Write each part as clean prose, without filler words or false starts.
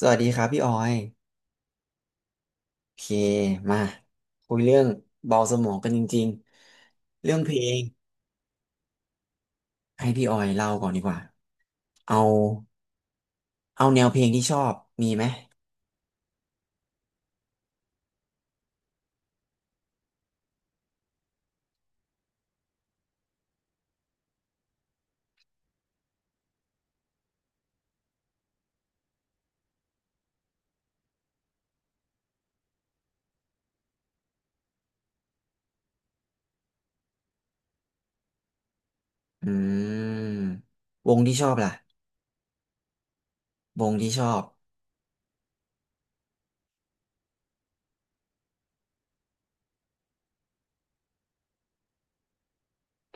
สวัสดีครับพี่ออยโอเคมาคุยเรื่องเบาสมองกันจริงๆเรื่องเพลงให้พี่ออยเล่าก่อนดีกว่าเอาเอาแนวเพลงที่ชอบมีไหมอืมวงที่ชอบล่ะวงที่ชอบ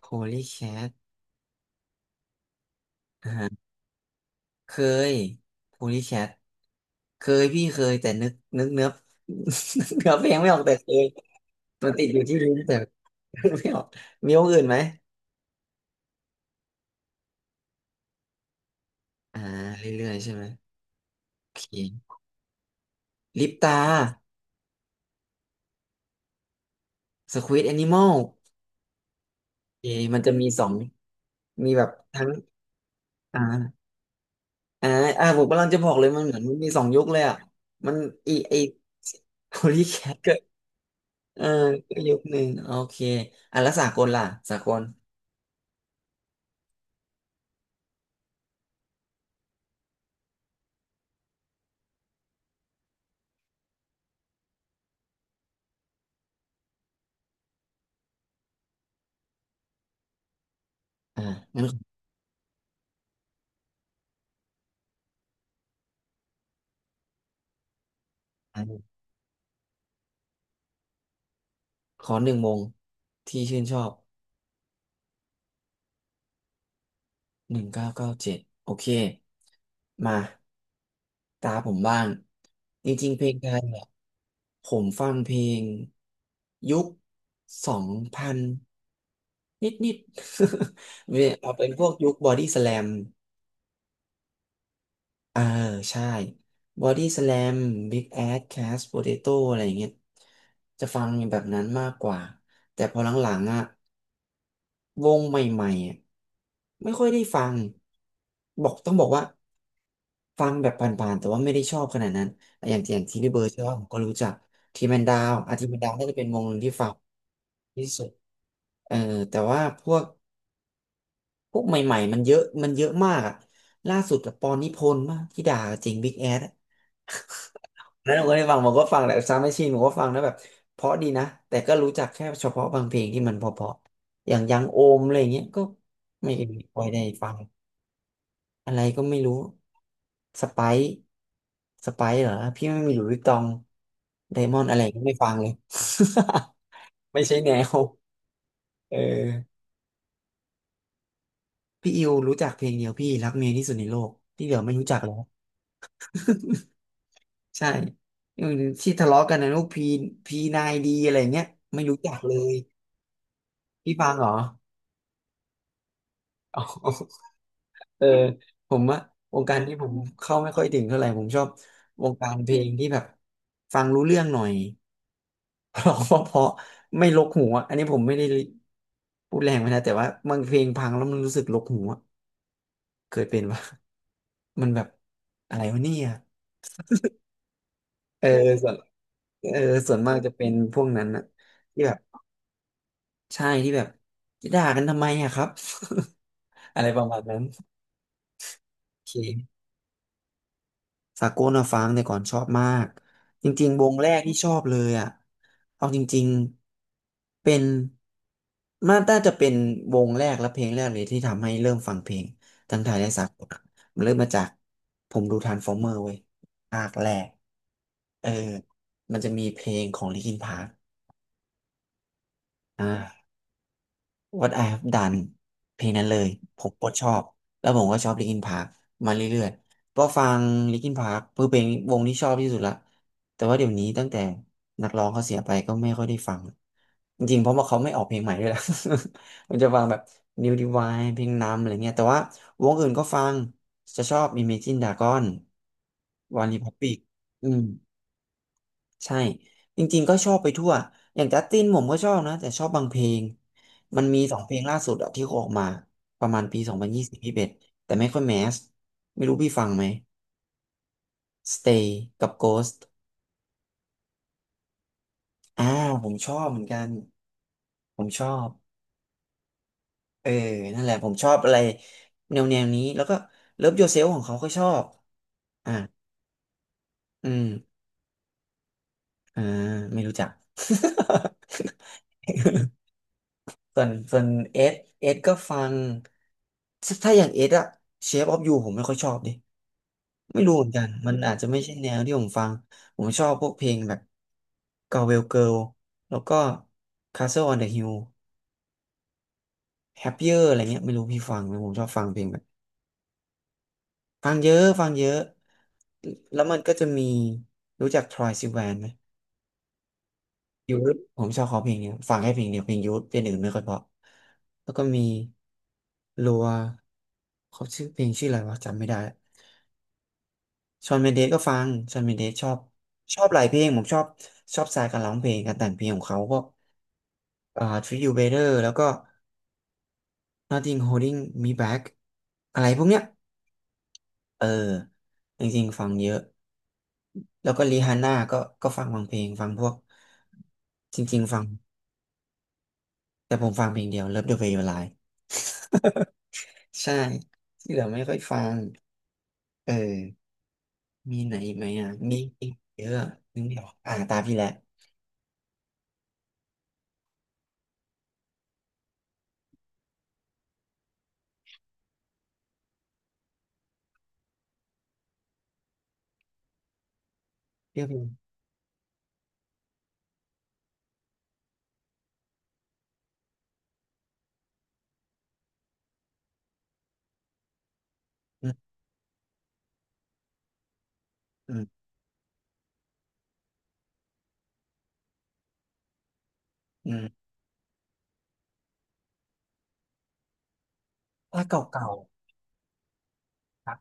Polycat อ่าฮะเคย Polycat เคยพี่เคยแต่นึกเนื้อ นึกเนื้อเพลงไม่ออกแต่เคยมันติดอยู่ที่ลิ้นแต่ นึกไม่ออกมีวงอื่นไหมอ่าเรื่อยๆใช่ไหมโอเคลิปตา สควิดแอนิมอลเอมันจะมีสองมีแบบทั้ง อ่าอ่าอ่าผมกำลังจะบอกเลยมันเหมือนมันมีสองยุคเลยอ่ะ มันอีไอโฮลี่แคทก็เออก็ยุคหนึ่ง โอเค อ่ะแล้วสากลล่ะสากลอ่างั้นขอขอหนึ่งวงที่ชื่นชอบ1997โอเค มาตาผมบ้างจริงๆเพลงไทยเนี่ย ผมฟังเพลงยุคสองพัน นิดนิด เนีย เอาเป็นพวกยุคบอดี้สแลมเออใช่บอดี้สแลมบิ๊กแอดแคสโปเตโต้อะไรอย่างเงี้ยจะฟังแบบนั้นมากกว่าแต่พอหลังๆอ่ะวงใหม่ๆอะไม่ค่อยได้ฟังบอกต้องบอกว่าฟังแบบผ่านๆแต่ว่าไม่ได้ชอบขนาดนั้นอย่างอย่างทีพี่เบอร์ดใช่ไหมผมก็รู้จักทีแมนดาวอาทีแมนดาวน่าจะเป็นวงหนึ่งที่ฟังที่สุดเออแต่ว่าพวก พวกใหม่ๆมันเยอะมากอะล่าสุดอะปอนนิพนธ์มากที่ด่าเจริงบิ๊กแอด แล้วผมก็ได้ฟังผมก็ฟังแหละซาวด์แมชชีนผมก็ฟังนะแบบเพราะดีนะแต่ก็รู้จักแค่เฉพาะบางเพลงที่มันเพราะๆอย่างยังโอมอะไรเงี้ยก็ไม่ค่อยได้ฟังอะไรก็ไม่รู้สไปซ์สไปซ์เหรอพี่ไม่มีหลุยส์วิตตองไดมอนด์อะไรก็ไม่ฟังเลย ไม่ใช่แนวเออพี่อิวรู้จักเพลงเดียวพี่รักเมียที่สุดในโลกที่เหลือไม่รู้จักแล้ว ใช่อืมที่ทะเลาะกันนะลูกพีพีนายดีอะไรเงี้ยไม่รู้จักเลยพี่ฟังเหรออ๋อ เออผมว่าวงการที่ผมเข้าไม่ค่อยถึงเท่าไหร่ผมชอบวงการเพลงที่แบบฟังรู้เรื่องหน่อย เพราเพราะไม่รกหูอะอันนี้ผมไม่ได้พูดแรงไปนะแต่ว่าบางเพลงพังแล้วมันรู้สึกรกหูอะเคยเป็นว่ามันแบบอะไรวะเนี่ยเออส่วนเออส่วนมากจะเป็นพวกนั้นนะที่แบบ ใช่ที่แบบจะด่ากันทำไมอะครับ อะไรประมาณนั้นโอเคสากลนะฟังแต่ก่อนชอบมากจริงๆวงแรกที่ชอบเลยอะเอาจริงๆเป็นมันน่าจะเป็นวงแรกและเพลงแรกเลยที่ทำให้เริ่มฟังเพลงทั้งไทยและสากลอะมันเริ่มมาจากผมดูทรานส์ฟอร์เมอร์เว้ยภาคแรกเออมันจะมีเพลงของลินคินพาร์คอ่า What I Have Done เพลงนั้นเลยผมโคตรชอบแล้วผมก็ชอบลิ n ินพาร์คมาเรื่อยๆก็ฟังลิ n ินพาร์คเพื่อเป็นวงที่ชอบที่สุดละแต่ว่าเดี๋ยวนี้ตั้งแต่นักร้องเขาเสียไปก็ไม่ค่อยได้ฟังจริงๆเพราะว่าเขาไม่ออกเพลงใหม่ด้วยล่ะ ผมจะฟังแบบ New Divine เพลงนำอะไรเงี้ยแต่ว่าวงอื่นก็ฟังจะชอบ Imagine Dragon One Republic อืม ใช่จริงๆก็ชอบไปทั่วอย่างจัสตินผมก็ชอบนะแต่ชอบบางเพลงมันมีสองเพลงล่าสุดอะที่เขาออกมาประมาณปี2020-2021แต่ไม่ค่อยแมสไม่รู้พี่ฟังไหม Stay กับ Ghost อ่าผมชอบเหมือนกันผมชอบเออนั่นแหละผมชอบอะไรแนวนี้แล้วก็ Love Yourself ของเขาก็ชอบอ่าอืมอ่าไม่รู้จัก ส่วนเอสเอสก็ฟังถ้าอย่างเอสอะเชฟออฟยูผมไม่ค่อยชอบดิไม่รู้เหมือนกันมันอาจจะไม่ใช่แนวที่ผมฟังผมชอบพวกเพลงแบบ Galway Girl แล้วก็ Castle on the Hill Happier อะไรเงี้ยไม่รู้พี่ฟังไหมผมชอบฟังเพลงแบบฟังเยอะแล้วมันก็จะมีรู้จัก Troye Sivan ไหม ยูทผมชอบเขาเพลงเนี้ยฟังแค่เพลงเดียวเพลงยูทเพลงอื่นไม่ค่อยเพราะแล้วก็มีรัวเขาชื่อเพลงชื่ออะไรวะจำไม่ได้ชอนเมนเดสก็ฟังชอนเมนเดสชอบชอบหลายเพลงผมชอบชอบสไตล์การร้องเพลงการแต่งเพลงของเขาพวก็อ่า Treat You Better แล้วก็ Nothing Holding Me Back อะไรพวกเนี้ยเออจริงๆฟังเยอะแล้วก็รีฮานน่าก็ฟังบางเพลงฟังพวกจริงๆฟังแต่ผมฟังเพลงเดียว Love the Way You Lie ใช่ที่เหลือไม่ค่อยฟังเออมีไหนอีกไหมอ่ะมีอีกเยอะนึกไม่ออกอ่าตามพี่แหละเรียกพี่อืมอืมอืมถ้าเก่าๆครับ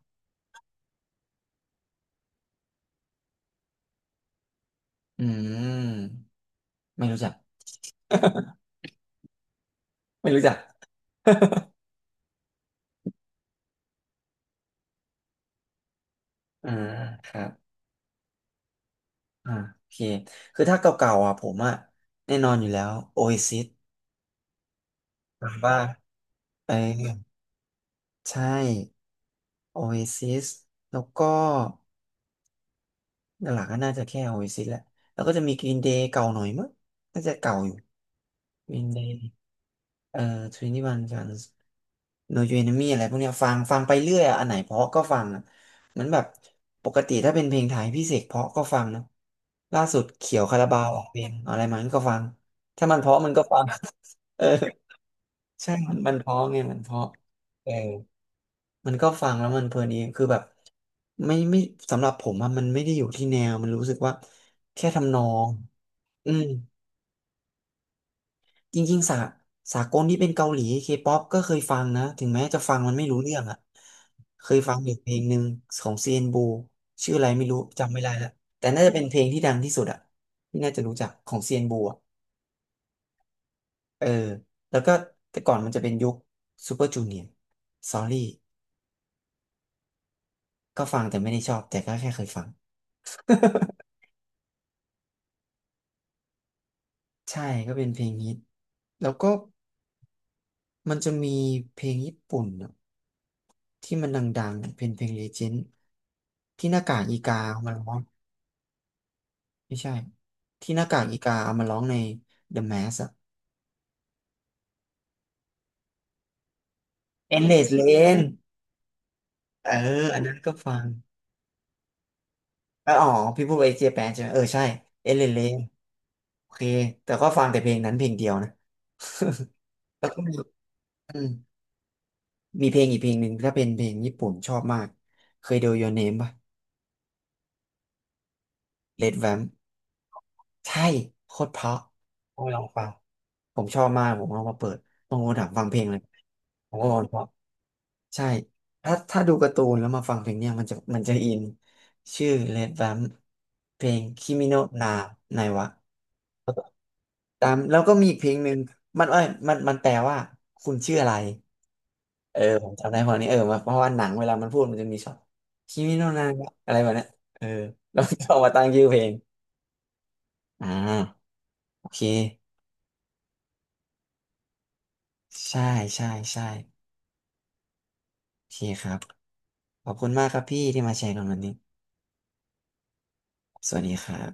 อืมไม่รู้จัก ไม่รู้จัก อ่าครับอ่าโอเคคือถ้าเก่าๆอ่ะผมอ่ะแน่นอนอยู่แล้ว Oasis ถามว่าเออใช่ Oasis แล้วก็หลักๆก็น่าจะแค่ Oasis แหละแล้วก็จะมี Green Day เก่าหน่อยมั้งน่าจะเก่าอยู่ วินเดย์เอ่อทเวนตี้วันกันโนยูเอนมี่อะไรพวกเนี้ยฟัง ฟังไปเรื่อยอะอันไหนเพราะก็ฟังอะเหมือนแบบปกติถ้าเป็นเพลงไทยพี่เสกเพราะก็ฟังนะล่าสุดเขียวคาราบาวออกเพลงอะไรมาันก็ฟัง ถ้ามันเพราะมันก็ฟัง เออใช่มันเพราะไงมันเพราะเออมันก็ฟังแล้วมันเพลินดีคือแบบไม่สำหรับผมอะมันไม่ได้อยู่ที่แนวมันรู้สึกว่าแค่ทำนองอืม จริงๆ สากลที่เป็นเกาหลีเคป๊อปก็เคยฟังนะ ถึงแม้จะฟังมันไม่รู้เรื่องอะเคยฟังอยู่เพลงหนึ่งของเซียนบูชื่ออะไรไม่รู้จำไม่ได้ละแต่น่าจะเป็นเพลงที่ดังที่สุดอะที่น่าจะรู้จักของเซียนบูอะเออแล้วก็แต่ก่อนมันจะเป็นยุคซูเปอร์จูเนียร์ซอรี่ก็ฟังแต่ไม่ได้ชอบแต่ก็แค่เคยฟัง ใช่ ก็เป็นเพลงฮิตแล้วก็มันจะมีเพลงญี่ปุ่นอะที่มันดังๆน่ะเป็นเพลงเลเจนด์ที่หน้ากากอีกาเอามาร้อง ไม่ใช่ที่หน้ากากอีกาเอามาร้องใน The Mask อะ Endless Lane เอออันนั้นก็ฟังเอออ๋อพี่พูดไปเจแปนใช่ไหมเออใช่ Endless Lane โอเคแต่ก็ฟังแต่เพลงนั้นเพลงเดียวนะ แล้วก็มีอืมมีเพลงอีกเพลงหนึ่งถ้าเป็นเพลงญี่ปุ่นชอบมากเคยดู Your Name ป่ะ Red Vamp ใช่โคตรเพราะต้องไปลองฟังผมชอบมากผมเอามาเปิดบางคนถามฟังเพลงเลยผมก็บอกว่า ใช่ถ้าดูการ์ตูนแล้วมาฟังเพลงเนี่ยมันจะอินชื่อ Red Vamp เพลง Kimi no Na ไนวะตามแล้วก็มีอีกเพลงหนึ่งมันเอ้ยมันแปลว่าคุณชื่ออะไรเออผมจำได้พอนี้เออมเพราะว่าหนังเวลามันพูดมันจะมีช็อตคิมิโนนาอะไรแบบเนี้ยเออแล้วก็เอามาตั้งชื่อเพลงอ่าโอเคใช่ใช่ใช่โอเคครับขอบคุณมากครับพี่ที่มาแชร์กันวันนี้สวัสดีครับ